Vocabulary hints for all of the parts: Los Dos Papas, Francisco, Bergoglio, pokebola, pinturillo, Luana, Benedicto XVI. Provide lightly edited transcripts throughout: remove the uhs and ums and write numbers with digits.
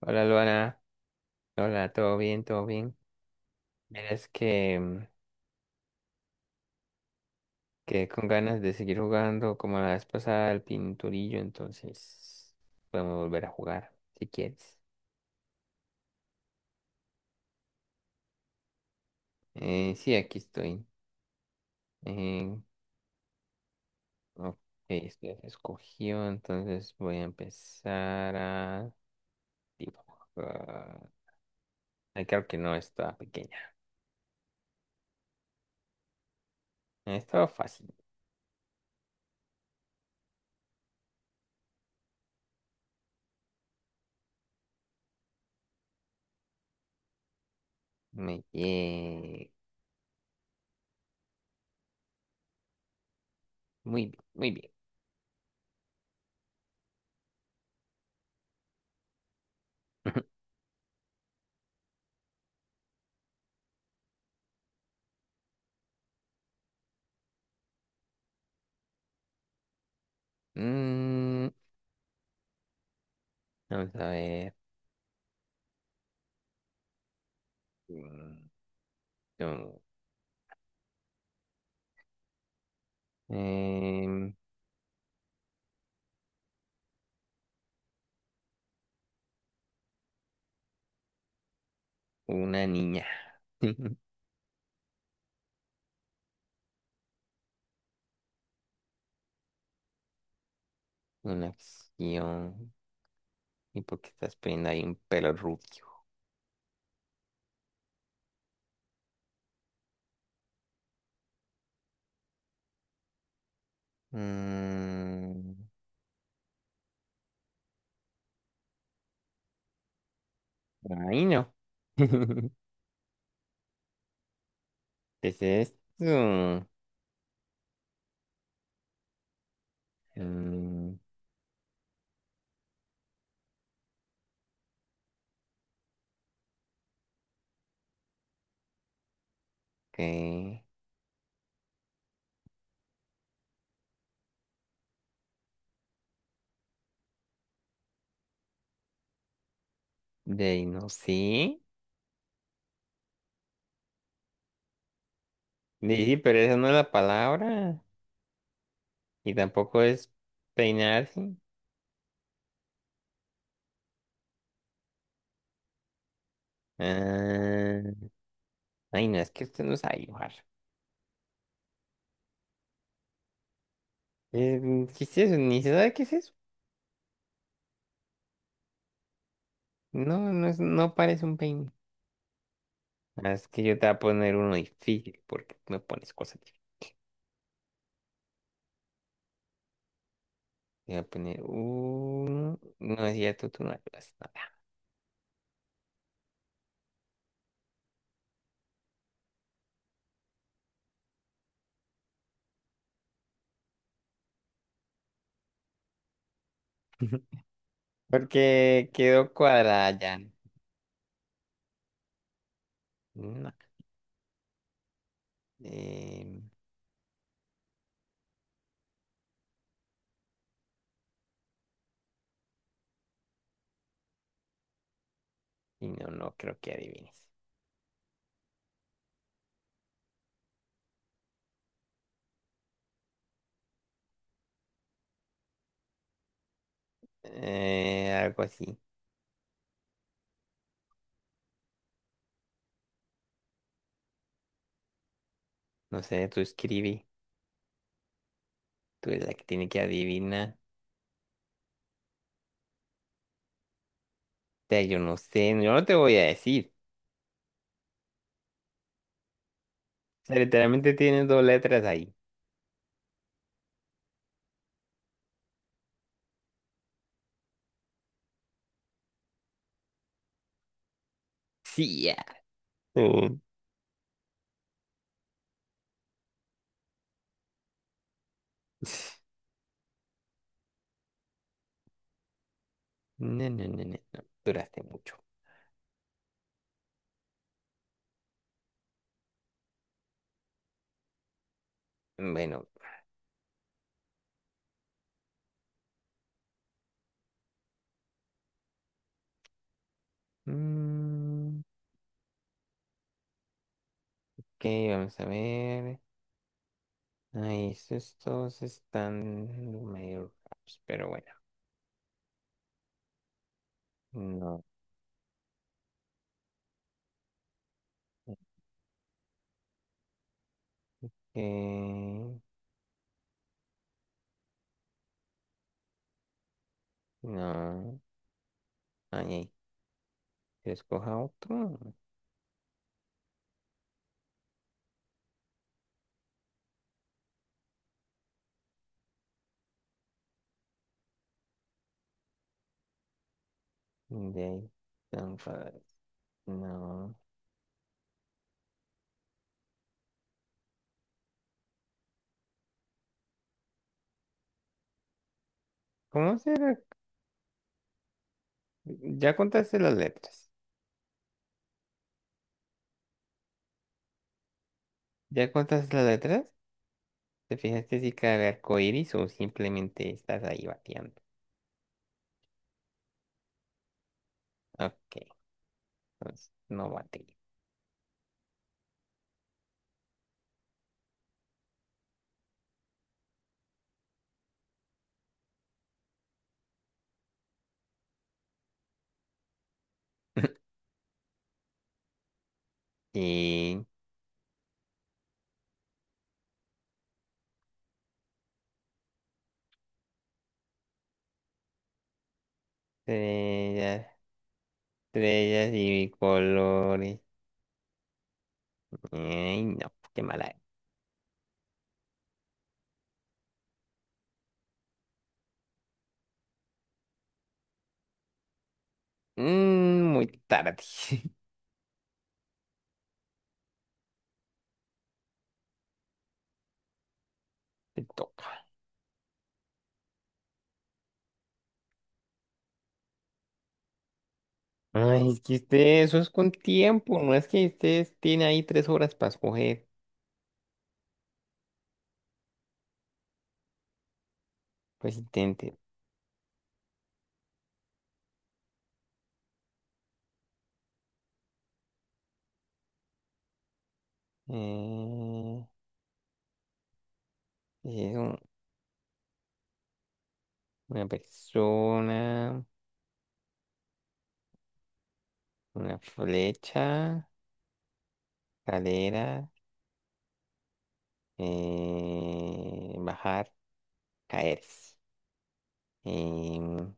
Hola, Luana. Hola, ¿todo bien? ¿Todo bien? Mira, es que quedé con ganas de seguir jugando como la vez pasada al pinturillo, entonces podemos volver a jugar si quieres. Sí, aquí estoy. Eh, ok, esto ya se escogió, entonces voy a empezar a dibujar. Ay, creo que no estaba pequeña. Estaba fácil. Muy bien. Muy bien, muy bien. Mm, Vamos a ver. Mm, no. Em, una niña. Una acción. ¿Y por qué estás poniendo ahí un pelo rubio? Mm, Ahí no. ¿Qué es esto? Mm, ok. De no sí. Sí, pero esa no es la palabra. Y tampoco es peinarse. Ah, ay, no, es que usted no sabe dibujar. Eh, ¿Qué es eso? Ni se sabe qué es eso. No, no es, no parece un peine. Ah, es que yo te voy a poner uno difícil porque tú me pones cosas difíciles. Te voy a poner uno. No es cierto, tú no ayudas nada. Porque quedó cuadrada ya. No. Eh, y no, no creo que adivines. Algo así. No sé, tú escribí. Tú eres la que tiene que adivinar. O sea, yo no sé. Yo no te voy a decir. O sea, literalmente tienes dos letras ahí. Sí, ya. Mm. No, no, no, no, no. Duraste mucho. Bueno. mm, Ok, vamos a ver. Ahí, estos todos están medio raros, pero bueno. No. eh, no. Ahí, ahí, que escoja otro. De ahí. Tan padre. No. ¿Cómo será? Ya contaste las letras. ¿Ya contaste las letras? ¿Te fijaste si cabe arco iris o simplemente estás ahí bateando? Ok, entonces no bateo. Y estrellas, estrellas y colores. Ay, no, qué mala. Mm, muy tarde. Te toca. Ay, es que usted, eso es con tiempo. No es que ustedes tiene ahí tres horas para escoger. Pues intente. Eh, es una persona, una flecha, cadera, bajar, caerse. Em,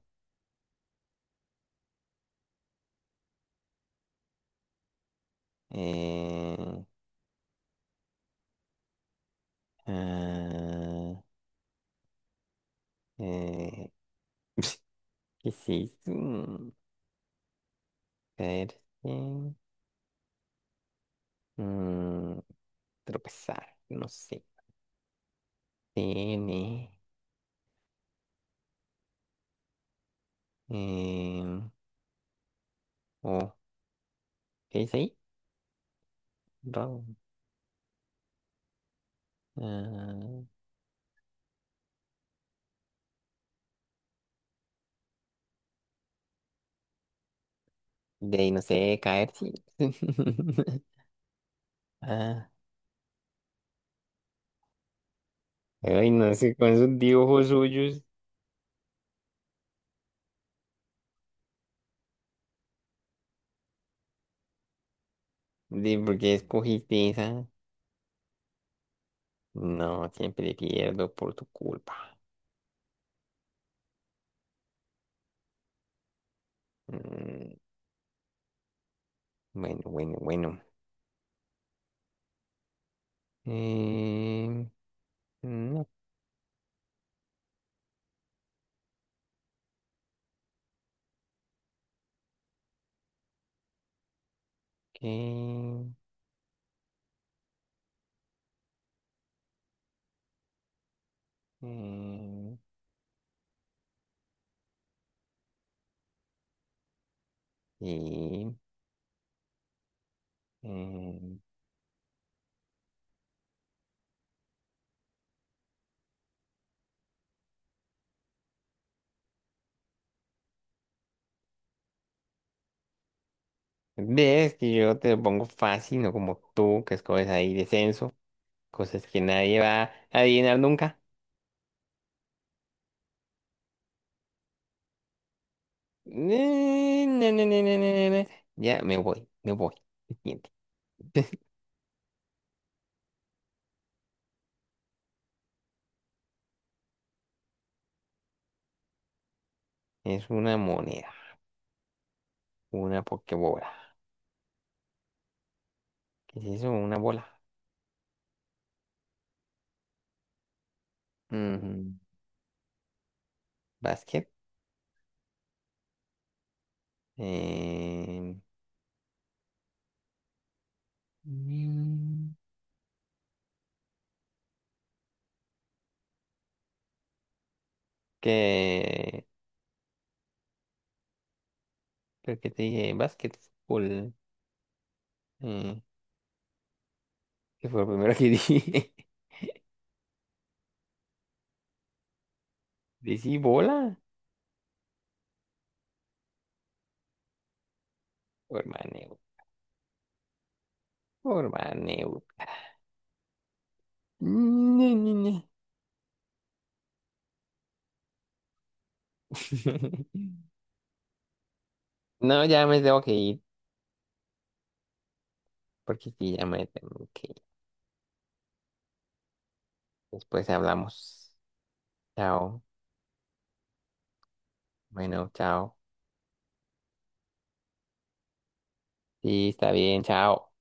eh, ah, eh, ¿Qué es eso? Caerse. Mm, tropezar, no sé. N, em, O, ¿Qué dice ahí? Ro- ah, de ahí, no sé, caer, sí. Ah, ay, no sé, con esos dibujos suyos, de por qué escogiste esa. No, siempre pierdo por tu culpa. Mm, bueno, bueno, bueno. Em, ok. Em, sí. em, Ves que yo te lo pongo fácil, no como tú, que escoges ahí descenso, cosas que nadie va a adivinar nunca. Ne, ne, ne, ne, ne, ne, ne, ne. Ya me voy, me voy. Siguiente. Es una moneda, una pokebola. ¿Qué es eso? Una bola. Ujú. Básquet. Eh... mm, ¿Qué? ¿Pero qué te dije? Básquetbol. Eh, ¿Qué fue lo primero que dije? ¿Decí bola? Por maneo, por maneo. Ñe, ñe, ñe. No, ya me tengo que ir, porque sí, ya me tengo que ir. Después hablamos. Chao. Bueno, chao. Sí, está bien, chao.